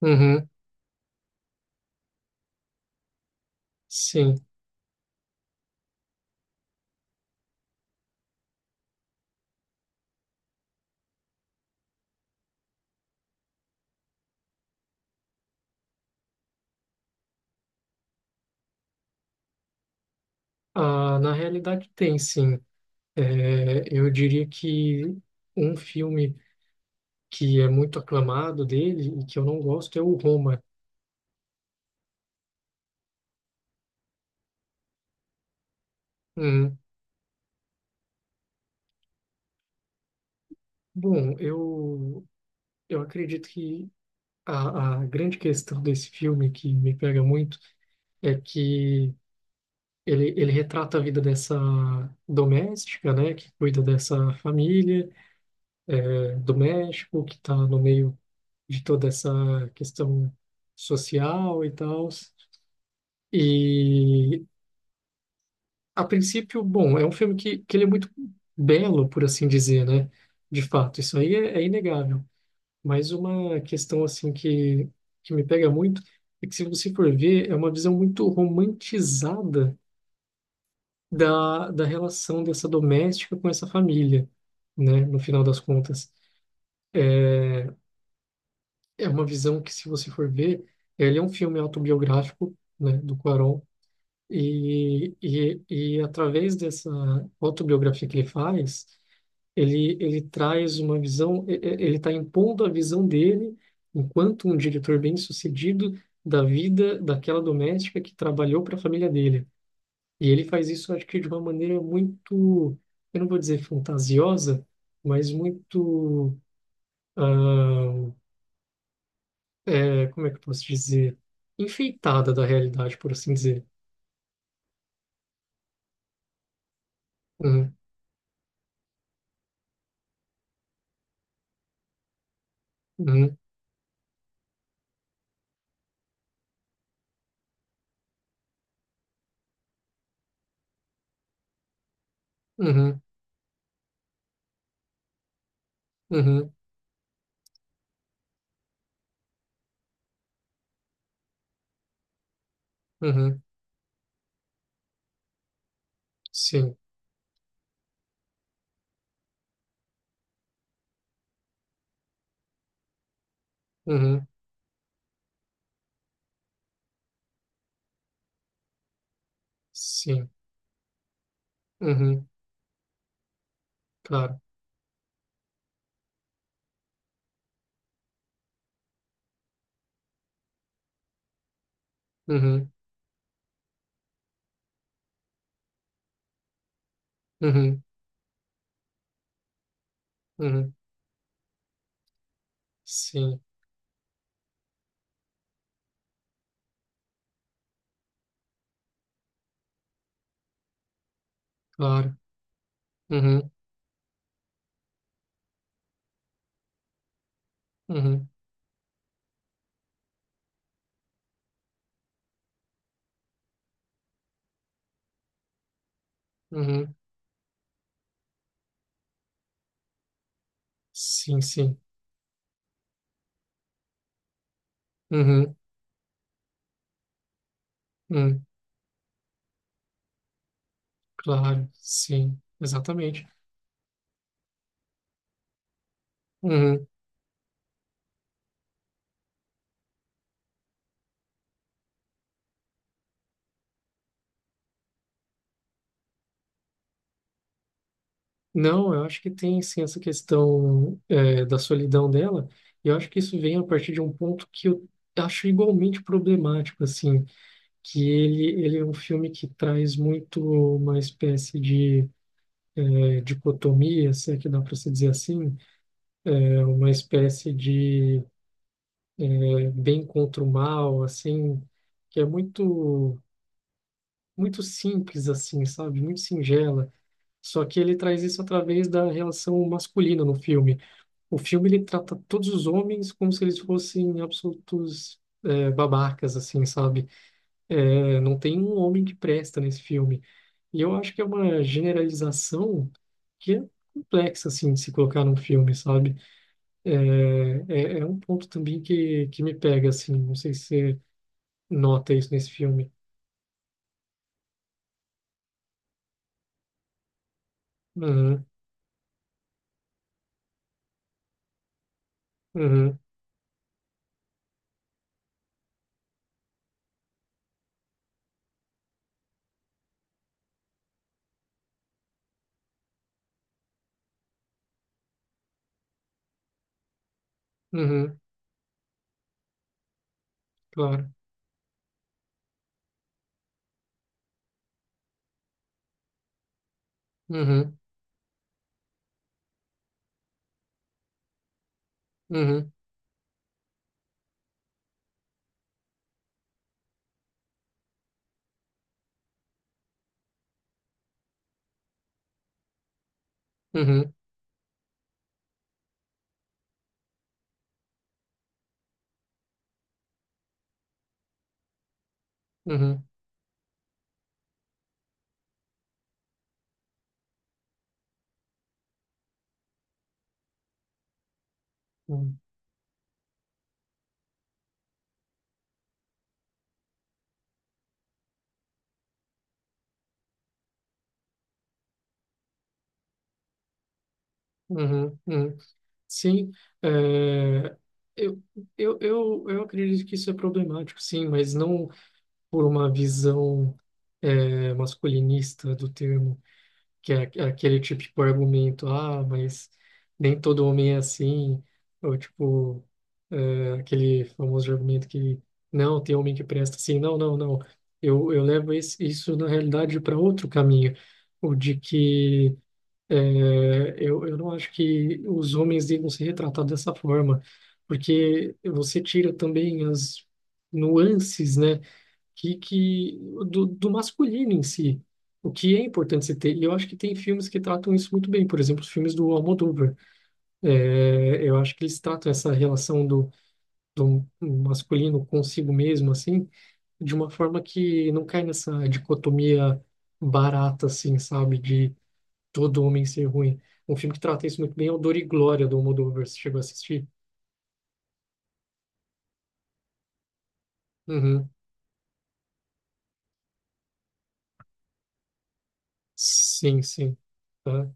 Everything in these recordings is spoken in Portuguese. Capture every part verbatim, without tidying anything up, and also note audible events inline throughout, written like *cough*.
Uhum, sim. Ah, na realidade tem, sim. É, eu diria que um filme que é muito aclamado dele e que eu não gosto é o Roma. Hum. Bom, eu, eu acredito que a, a grande questão desse filme que me pega muito é que ele, ele retrata a vida dessa doméstica, né, que cuida dessa família, eh, do México, que está no meio de toda essa questão social e tal. E, a princípio, bom, é um filme que, que ele é muito belo, por assim dizer, né? De fato, isso aí é, é inegável. Mas uma questão, assim, que, que me pega muito é que, se você for ver, é uma visão muito romantizada da, da relação dessa doméstica com essa família, né? No final das contas. É, é uma visão que, se você for ver, ele é um filme autobiográfico, né? Do Cuarón. E, e, e através dessa autobiografia que ele faz, ele, ele traz uma visão, e- e- ele está impondo a visão dele, enquanto um diretor bem-sucedido, da vida daquela doméstica que trabalhou para a família dele. E ele faz isso, acho que de uma maneira muito, eu não vou dizer fantasiosa, mas muito, ah, é, como é que eu posso dizer? Enfeitada da realidade, por assim dizer. Uhum, uhum, uhum, uhum, uhum. Sim, uhum, sim, uhum, claro, uhum, uhum, uhum, sim, claro, uhum, uhum, uhum, sim, sim, uhum, uhum, claro, sim, exatamente. Uhum. Não, eu acho que tem sim essa questão é, da solidão dela, e eu acho que isso vem a partir de um ponto que eu acho igualmente problemático, assim, que ele, ele é um filme que traz muito uma espécie de é, dicotomia, se é que dá para se dizer assim. É uma espécie de é, bem contra o mal, assim, que é muito muito simples assim, sabe? Muito singela. Só que ele traz isso através da relação masculina no filme. O filme ele trata todos os homens como se eles fossem absolutos é, babacas, assim, sabe? É, não tem um homem que presta nesse filme. E eu acho que é uma generalização que é complexa assim de se colocar num filme, sabe? É, é, é um ponto também que, que me pega, assim. Não sei se você nota isso nesse filme. Uhum, uhum, uhum, claro. Uhum, uhum, uhum, uhum, uhum, uhum, uhum. Sim, é, eu, eu, eu, eu acredito que isso é problemático, sim, mas não por uma visão, é, masculinista do termo. Que é aque- aquele típico argumento, ah, mas nem todo homem é assim, ou tipo, é, aquele famoso argumento que não, tem homem que presta assim, não, não, não, eu, eu levo esse- isso na realidade para outro caminho, o de que é, eu, eu não acho que os homens devam ser retratados dessa forma, porque você tira também as nuances, né? Que, que do, do masculino em si, o que é importante se ter. E eu acho que tem filmes que tratam isso muito bem, por exemplo, os filmes do Almodóvar. É, eu acho que eles tratam essa relação do, do masculino consigo mesmo, assim, de uma forma que não cai nessa dicotomia barata, assim, sabe, de todo homem ser ruim. Um filme que trata isso muito bem é o Dor e Glória, do Almodóvar. Você chegou a assistir? Uhum. Sim, sim. Tá,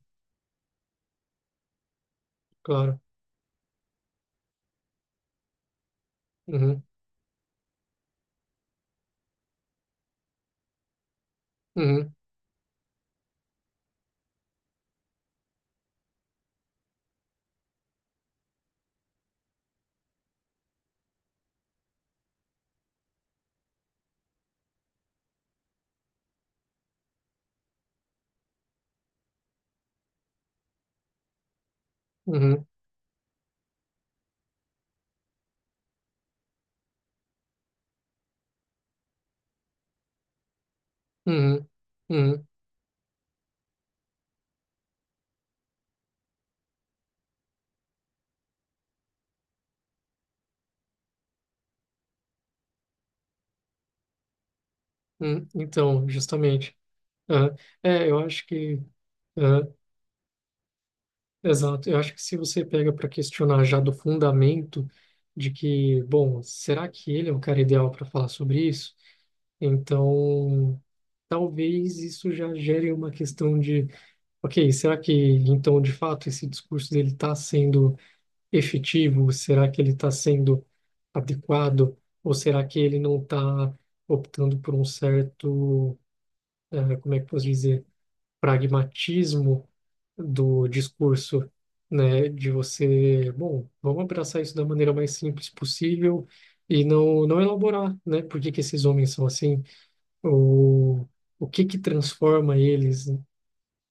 claro. Uhum, uhum, uhum, uhum, uhum. Hum, então, justamente. Aham. É, eu acho que. Aham, exato. Eu acho que se você pega para questionar já do fundamento de que, bom, será que ele é o cara ideal para falar sobre isso? Então, talvez isso já gere uma questão de, ok, será que então de fato esse discurso dele está sendo efetivo? Será que ele está sendo adequado? Ou será que ele não está optando por um certo, eh, como é que eu posso dizer? Pragmatismo do discurso, né, de você, bom, vamos abraçar isso da maneira mais simples possível e não não elaborar, né, por que que esses homens são assim, ou o que que transforma eles,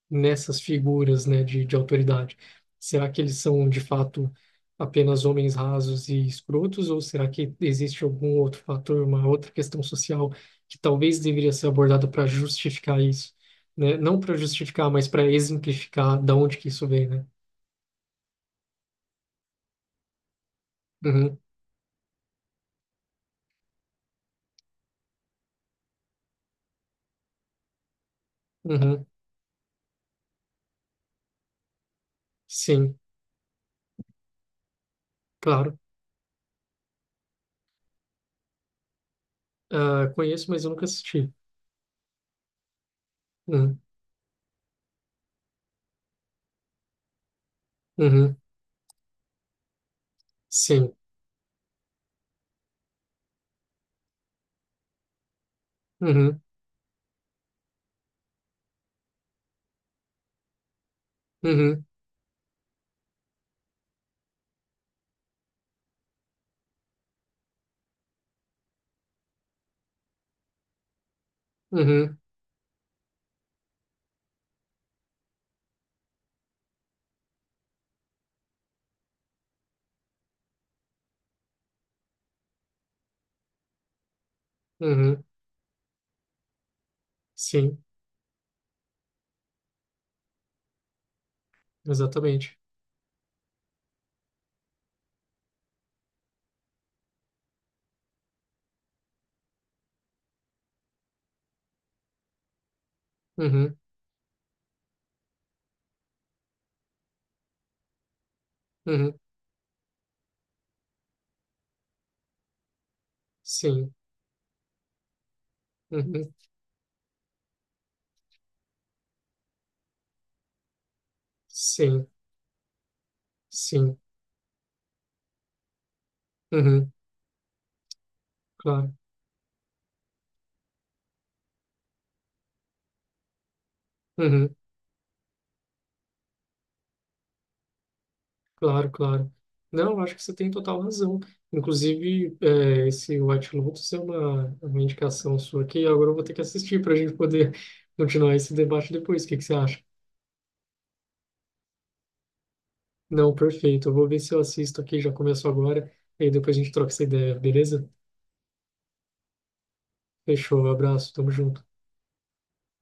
nessas figuras, né, de, de, autoridade? Será que eles são, de fato, apenas homens rasos e escrotos, ou será que existe algum outro fator, uma outra questão social que talvez deveria ser abordada para justificar isso? Né? Não para justificar, mas para exemplificar da onde que isso vem, né? Uhum, uhum, sim, claro. Ah, conheço, mas eu nunca assisti. Uhum, uhum, sim. Uhum, uhum, uhum, uhum, sim, exatamente. Uhum, uhum, sim. Uhum. Sim, sim. Uhum, claro. Uhum, claro, claro. Não, eu acho que você tem total razão. Inclusive, é, esse White Lotus é uma, uma indicação sua que agora eu vou ter que assistir para a gente poder *laughs* continuar esse debate depois. O que que você acha? Não, perfeito. Eu vou ver se eu assisto aqui, já começo agora, e aí depois a gente troca essa ideia, beleza? Fechou, abraço, tamo junto.